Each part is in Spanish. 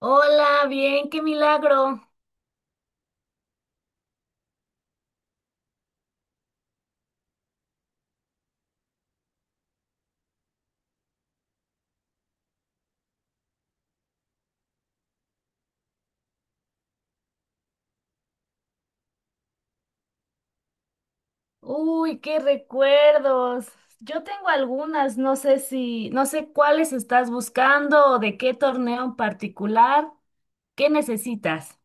Hola, bien, qué milagro. Uy, qué recuerdos. Yo tengo algunas, no sé si, no sé cuáles estás buscando o de qué torneo en particular. ¿Qué necesitas?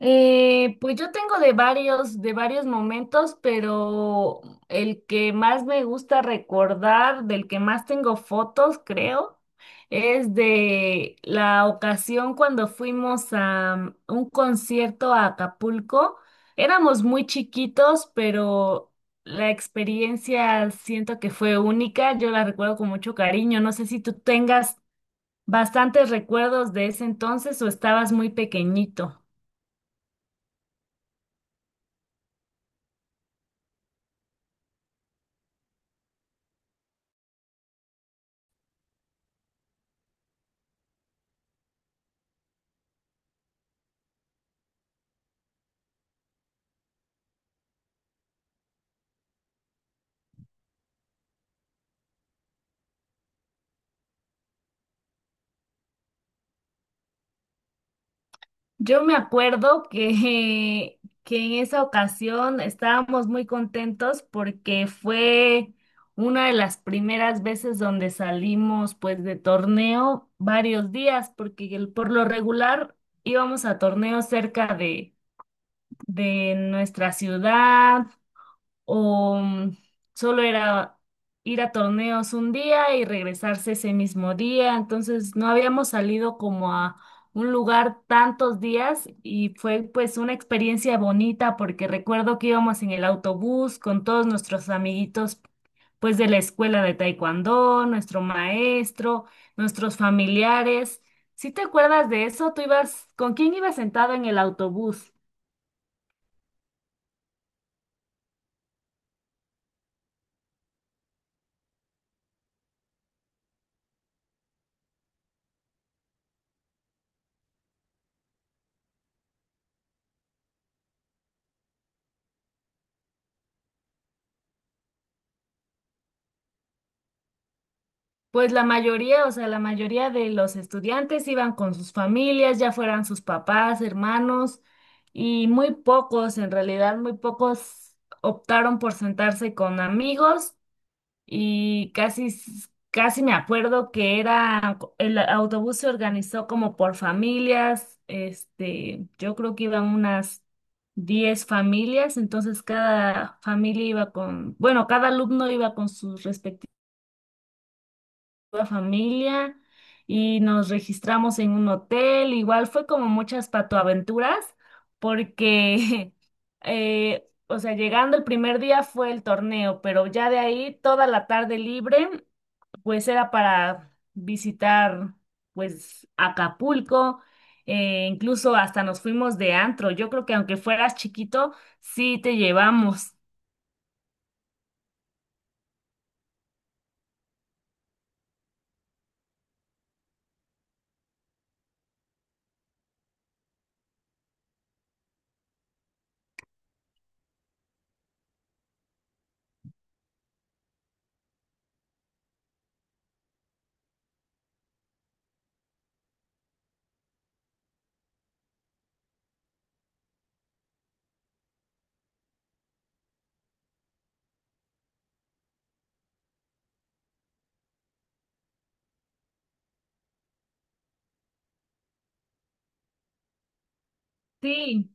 Pues yo tengo de varios momentos, pero el que más me gusta recordar, del que más tengo fotos, creo, es de la ocasión cuando fuimos a un concierto a Acapulco. Éramos muy chiquitos, pero la experiencia siento que fue única. Yo la recuerdo con mucho cariño. No sé si tú tengas bastantes recuerdos de ese entonces o estabas muy pequeñito. Yo me acuerdo que, que en esa ocasión estábamos muy contentos porque fue una de las primeras veces donde salimos pues de torneo varios días, porque por lo regular íbamos a torneos cerca de nuestra ciudad o solo era ir a torneos un día y regresarse ese mismo día, entonces no habíamos salido como a un lugar tantos días y fue pues una experiencia bonita porque recuerdo que íbamos en el autobús con todos nuestros amiguitos pues de la escuela de taekwondo, nuestro maestro, nuestros familiares. ¿Sí te acuerdas de eso? ¿Tú ibas, con quién ibas sentado en el autobús? Pues la mayoría, o sea, la mayoría de los estudiantes iban con sus familias, ya fueran sus papás, hermanos, y muy pocos, en realidad, muy pocos optaron por sentarse con amigos y casi, casi me acuerdo que era, el autobús se organizó como por familias, este, yo creo que iban unas 10 familias, entonces cada familia iba con, bueno, cada alumno iba con sus respectivos toda familia y nos registramos en un hotel. Igual fue como muchas patoaventuras porque, o sea, llegando el primer día fue el torneo, pero ya de ahí toda la tarde libre, pues era para visitar, pues, Acapulco. Incluso hasta nos fuimos de antro. Yo creo que aunque fueras chiquito, sí te llevamos. Sí.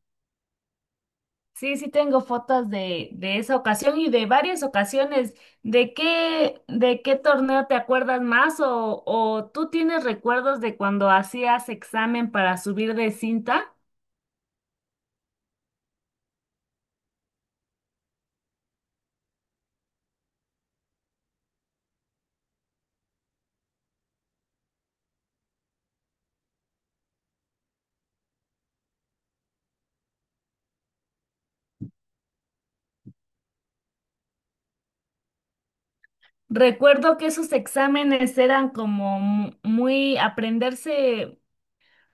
Sí, sí tengo fotos de esa ocasión y de varias ocasiones. De qué torneo te acuerdas más o tú tienes recuerdos de cuando hacías examen para subir de cinta? Recuerdo que esos exámenes eran como muy aprenderse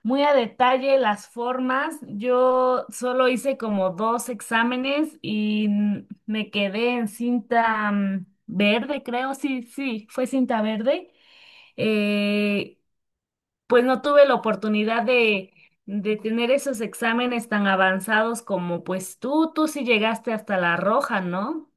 muy a detalle las formas. Yo solo hice como dos exámenes y me quedé en cinta verde, creo, sí, sí, fue cinta verde. eh, pues no tuve la oportunidad de tener esos exámenes tan avanzados como pues tú sí llegaste hasta la roja, ¿no?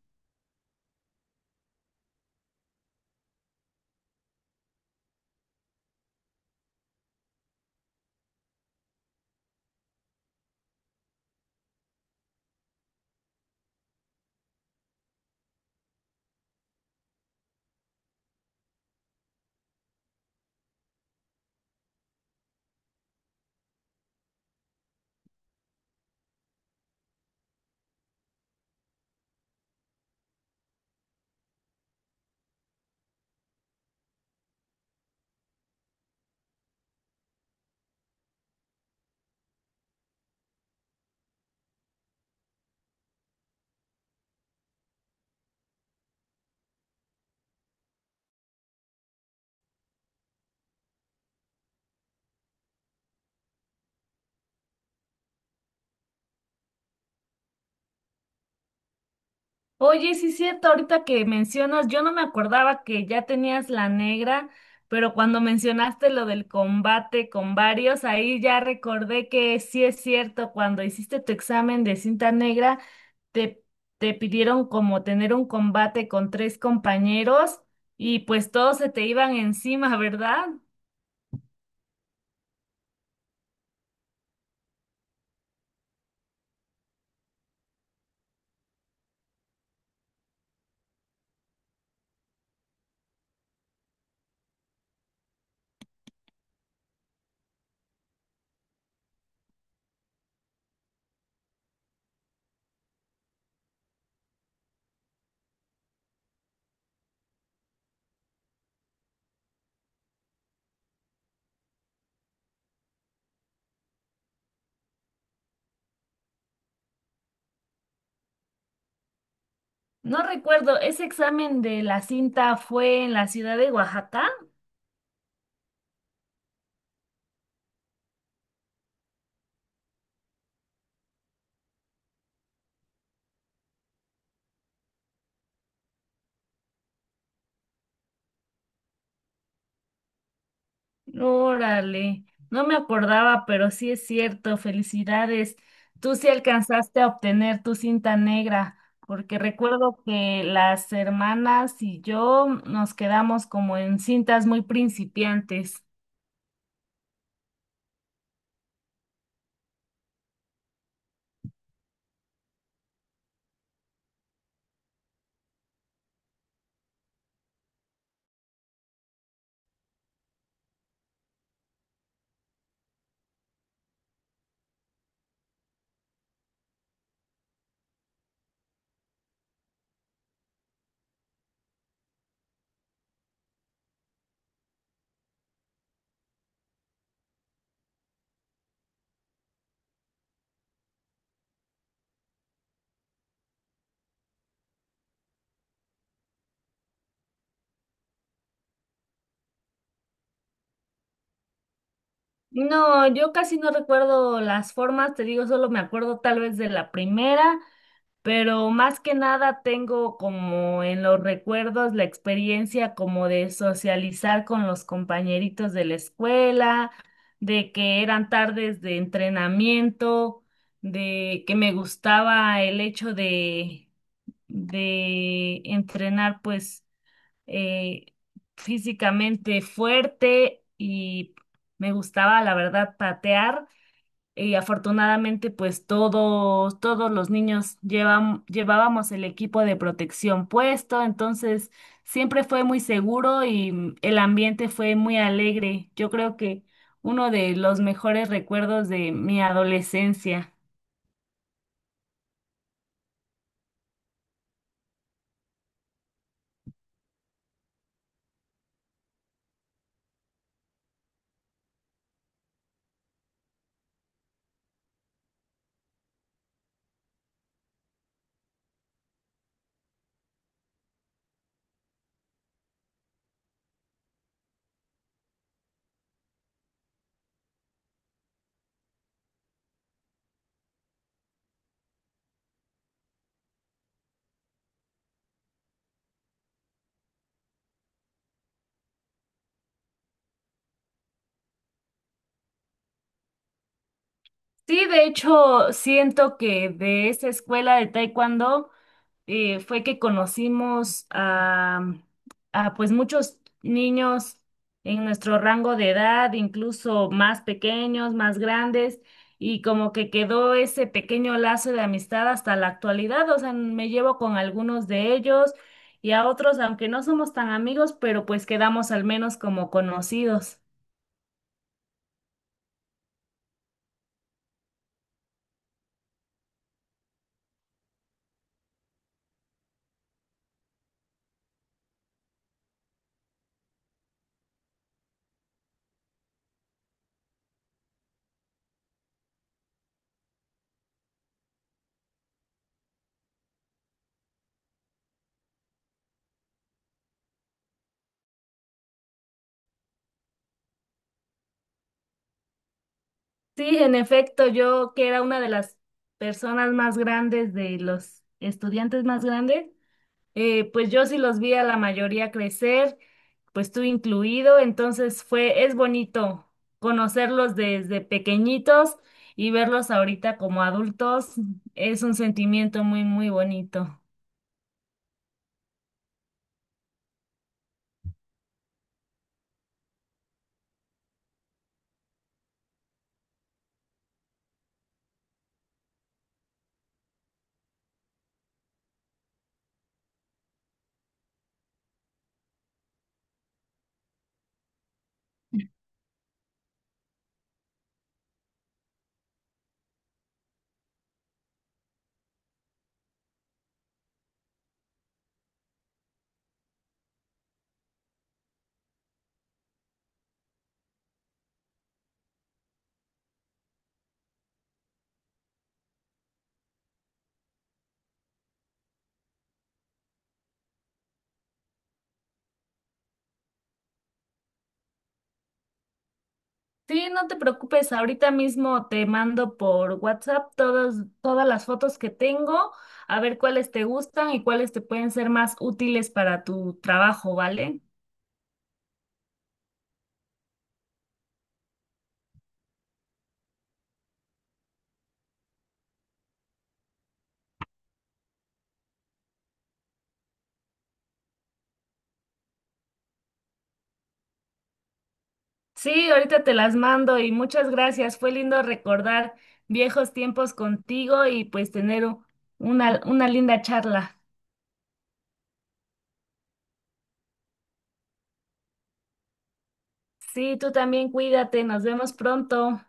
Oye, sí es cierto, ahorita que mencionas, yo no me acordaba que ya tenías la negra, pero cuando mencionaste lo del combate con varios, ahí ya recordé que sí es cierto, cuando hiciste tu examen de cinta negra, te, te pidieron como tener un combate con tres compañeros y pues todos se te iban encima, ¿verdad? No recuerdo, ese examen de la cinta fue en la ciudad de Oaxaca. Órale, no me acordaba, pero sí es cierto, felicidades. Tú sí alcanzaste a obtener tu cinta negra, porque recuerdo que las hermanas y yo nos quedamos como en cintas muy principiantes. No, yo casi no recuerdo las formas, te digo, solo me acuerdo tal vez de la primera pero más que nada tengo como en los recuerdos la experiencia como de socializar con los compañeritos de la escuela, de que eran tardes de entrenamiento, de que me gustaba el hecho de entrenar pues eh, físicamente fuerte y me gustaba la verdad patear. Y afortunadamente, pues todos, todos los niños llevábamos el equipo de protección puesto, entonces siempre fue muy seguro y el ambiente fue muy alegre. Yo creo que uno de los mejores recuerdos de mi adolescencia. Sí, de hecho, siento que de esa escuela de taekwondo fue que conocimos a, pues muchos niños en nuestro rango de edad, incluso más pequeños, más grandes, y como que quedó ese pequeño lazo de amistad hasta la actualidad. O sea, me llevo con algunos de ellos y a otros, aunque no somos tan amigos, pero pues quedamos al menos como conocidos. Sí, en efecto, yo que era una de las personas más grandes, de los estudiantes más grandes, pues yo sí los vi a la mayoría crecer, pues tú incluido, entonces fue, es bonito conocerlos desde pequeñitos y verlos ahorita como adultos, es un sentimiento muy, muy bonito. Sí, no te preocupes, ahorita mismo te mando por WhatsApp todas, todas las fotos que tengo, a ver cuáles te gustan y cuáles te pueden ser más útiles para tu trabajo, ¿vale? Sí, ahorita te las mando y muchas gracias. Fue lindo recordar viejos tiempos contigo y pues tener una linda charla. Sí, tú también cuídate, nos vemos pronto.